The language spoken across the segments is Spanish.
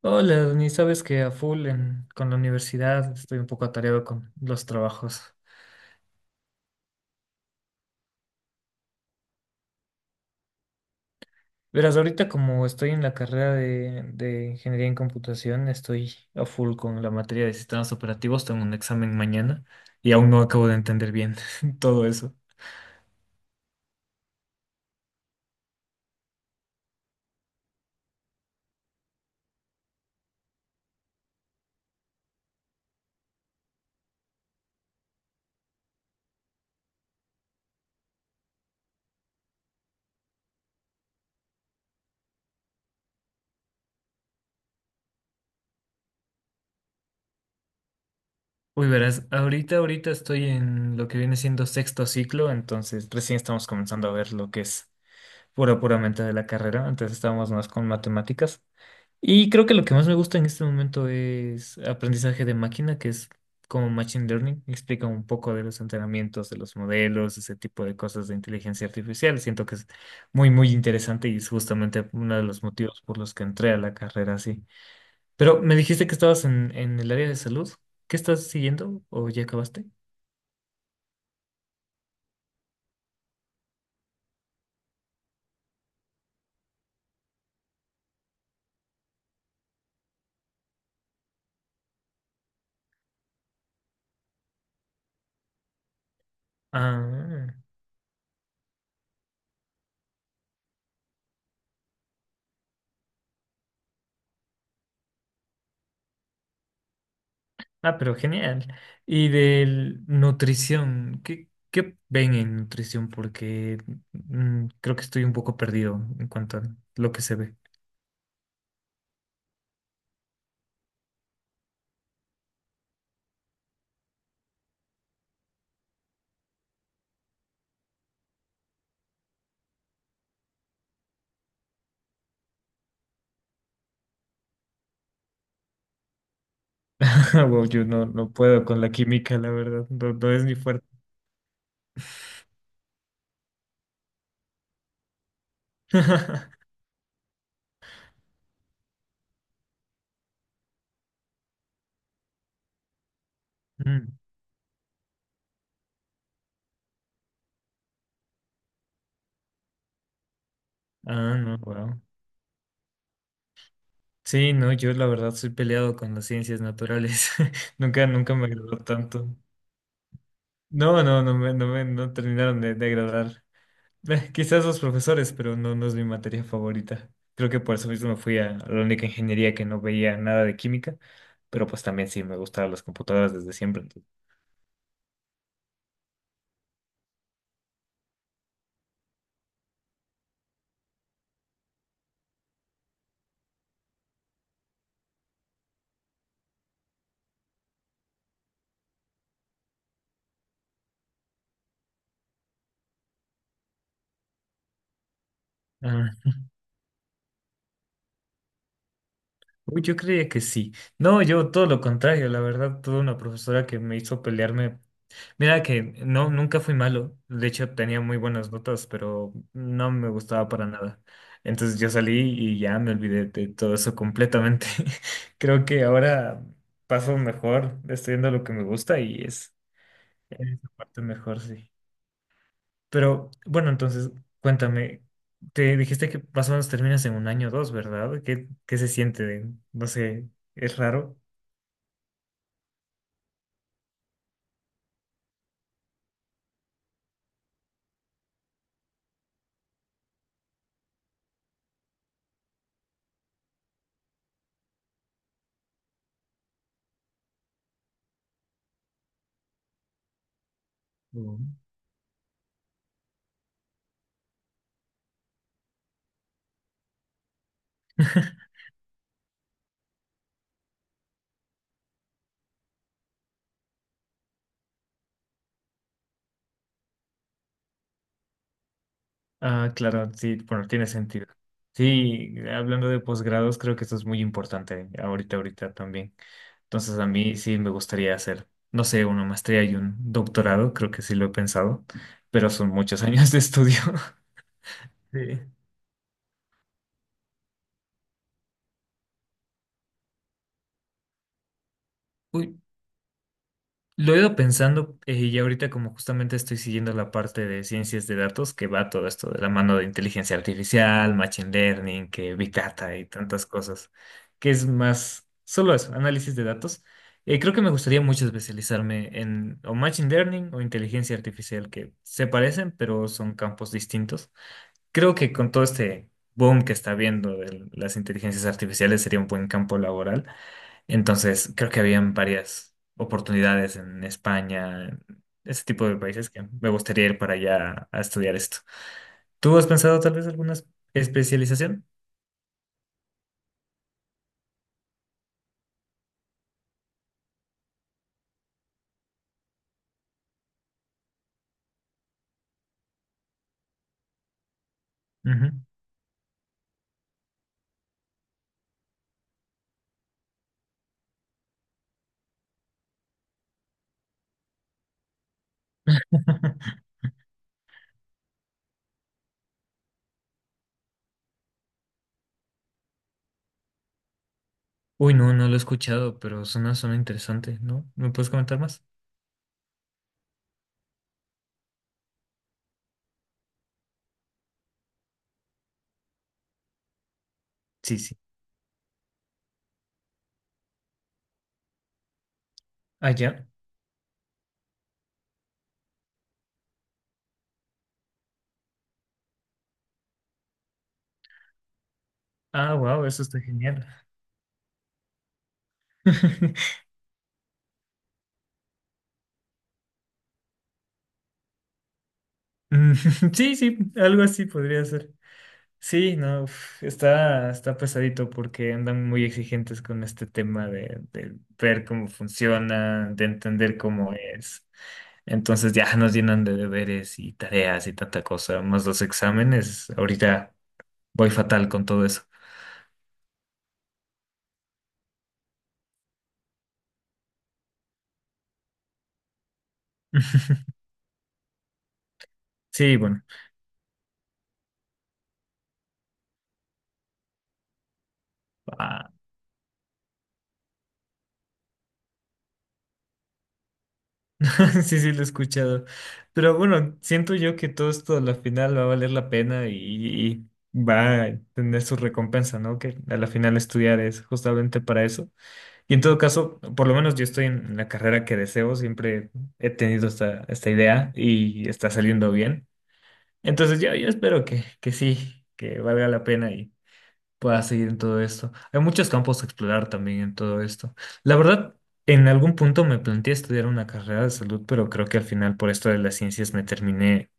Hola, ni sabes que a full con la universidad estoy un poco atareado con los trabajos. Verás, ahorita como estoy en la carrera de ingeniería en computación, estoy a full con la materia de sistemas operativos, tengo un examen mañana y aún no acabo de entender bien todo eso. Uy, verás, ahorita estoy en lo que viene siendo sexto ciclo, entonces recién estamos comenzando a ver lo que es puramente de la carrera, antes estábamos más con matemáticas. Y creo que lo que más me gusta en este momento es aprendizaje de máquina, que es como Machine Learning. Explica un poco de los entrenamientos, de los modelos, ese tipo de cosas de inteligencia artificial. Siento que es muy, muy interesante y es justamente uno de los motivos por los que entré a la carrera así. Pero me dijiste que estabas en el área de salud. ¿Qué estás siguiendo o ya acabaste? Ah. Ah, pero genial. Y de nutrición, ¿qué, qué ven en nutrición? Porque creo que estoy un poco perdido en cuanto a lo que se ve. Wow, yo no, no puedo con la química, la verdad. No, no es mi fuerte. Mm. Ah, no, wow. Sí, no, yo la verdad soy peleado con las ciencias naturales. Nunca, nunca me agradó tanto. No, no, no me, no me no terminaron de agradar. Quizás los profesores, pero no, no es mi materia favorita. Creo que por eso mismo me fui a la única ingeniería que no veía nada de química, pero pues también sí me gustaban las computadoras desde siempre. Entonces... Ah, uy, yo creía que sí. No, yo todo lo contrario, la verdad, tuve una profesora que me hizo pelearme. Mira que no, nunca fui malo. De hecho, tenía muy buenas notas, pero no me gustaba para nada. Entonces yo salí y ya me olvidé de todo eso completamente. Creo que ahora paso mejor estudiando lo que me gusta y es en esa parte mejor, sí. Pero bueno, entonces cuéntame, te dijiste que más o menos terminas en un año o dos, ¿verdad? ¿Qué, qué se siente? No sé, ¿es raro? Mm. Ah, claro, sí, bueno, tiene sentido. Sí, hablando de posgrados, creo que esto es muy importante ahorita también. Entonces, a mí sí me gustaría hacer, no sé, una maestría y un doctorado, creo que sí lo he pensado, pero son muchos años de estudio. Sí. Uy, lo he ido pensando, y ahorita como justamente estoy siguiendo la parte de ciencias de datos que va todo esto de la mano de inteligencia artificial, machine learning, que Big Data y tantas cosas, que es más solo eso, análisis de datos. Creo que me gustaría mucho especializarme en o machine learning o inteligencia artificial, que se parecen, pero son campos distintos. Creo que con todo este boom que está habiendo de las inteligencias artificiales sería un buen campo laboral. Entonces, creo que habían varias oportunidades en España, en ese tipo de países que me gustaría ir para allá a estudiar esto. ¿Tú has pensado tal vez alguna especialización? Ujú. Uy, no, no lo he escuchado, pero suena, suena interesante, ¿no? ¿Me puedes comentar más? Sí, sí. Ah, ya. Ah, wow, eso está genial. Mm, sí, sí, algo así podría ser. Sí, no, uf, está, está pesadito porque andan muy exigentes con este tema de ver cómo funciona, de entender cómo es. Entonces ya nos llenan de deberes y tareas y tanta cosa, más los exámenes. Ahorita voy fatal con todo eso. Sí, bueno. Ah, sí, sí, lo he escuchado. Pero bueno, siento yo que todo esto a la final va a valer la pena y va a tener su recompensa, ¿no? Que a la final estudiar es justamente para eso. Y en todo caso, por lo menos yo estoy en la carrera que deseo, siempre he tenido esta, esta idea y está saliendo bien. Entonces yo espero que sí, que valga la pena y pueda seguir en todo esto. Hay muchos campos a explorar también en todo esto. La verdad, en algún punto me planteé estudiar una carrera de salud, pero creo que al final por esto de las ciencias me terminé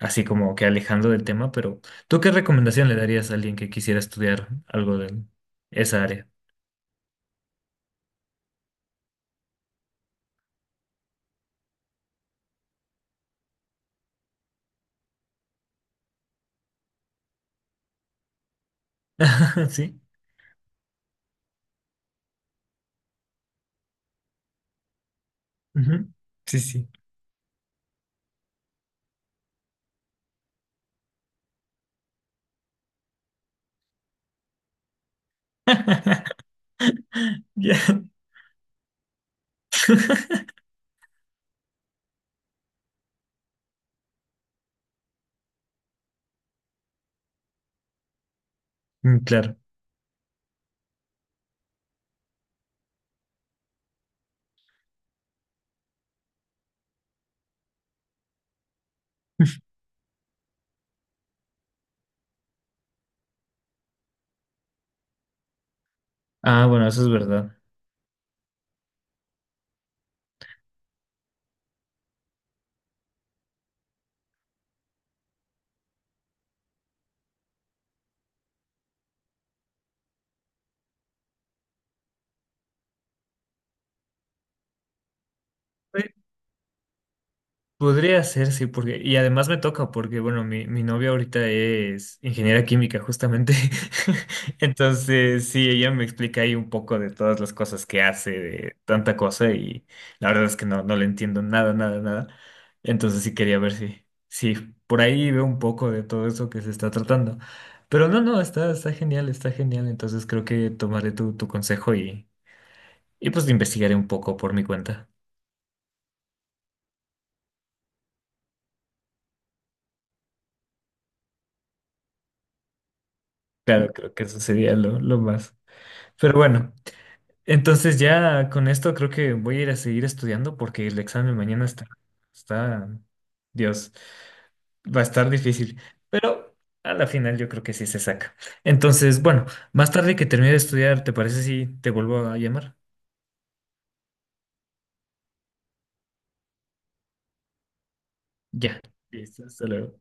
así como que alejando del tema. Pero ¿tú qué recomendación le darías a alguien que quisiera estudiar algo de esa área? Sí. Ujú. Sí, sí. Ya. Mm, claro. Ah, bueno, eso es verdad. Eh, Podría ser, sí, porque, y además me toca, porque, bueno, mi novia ahorita es ingeniera química, justamente. Entonces, sí, ella me explica ahí un poco de todas las cosas que hace, de tanta cosa, y la verdad es que no, no le entiendo nada, nada, nada. Entonces, sí quería ver si por ahí veo un poco de todo eso que se está tratando. Pero no, no, está, está genial, está genial. Entonces, creo que tomaré tu consejo y pues investigaré un poco por mi cuenta. Claro, creo que eso sería lo más. Pero bueno, entonces ya con esto creo que voy a ir a seguir estudiando porque el examen mañana está, está, Dios, va a estar difícil. Pero a la final yo creo que sí se saca. Entonces, bueno, más tarde que termine de estudiar, ¿te parece si te vuelvo a llamar? Ya. Listo, hasta luego.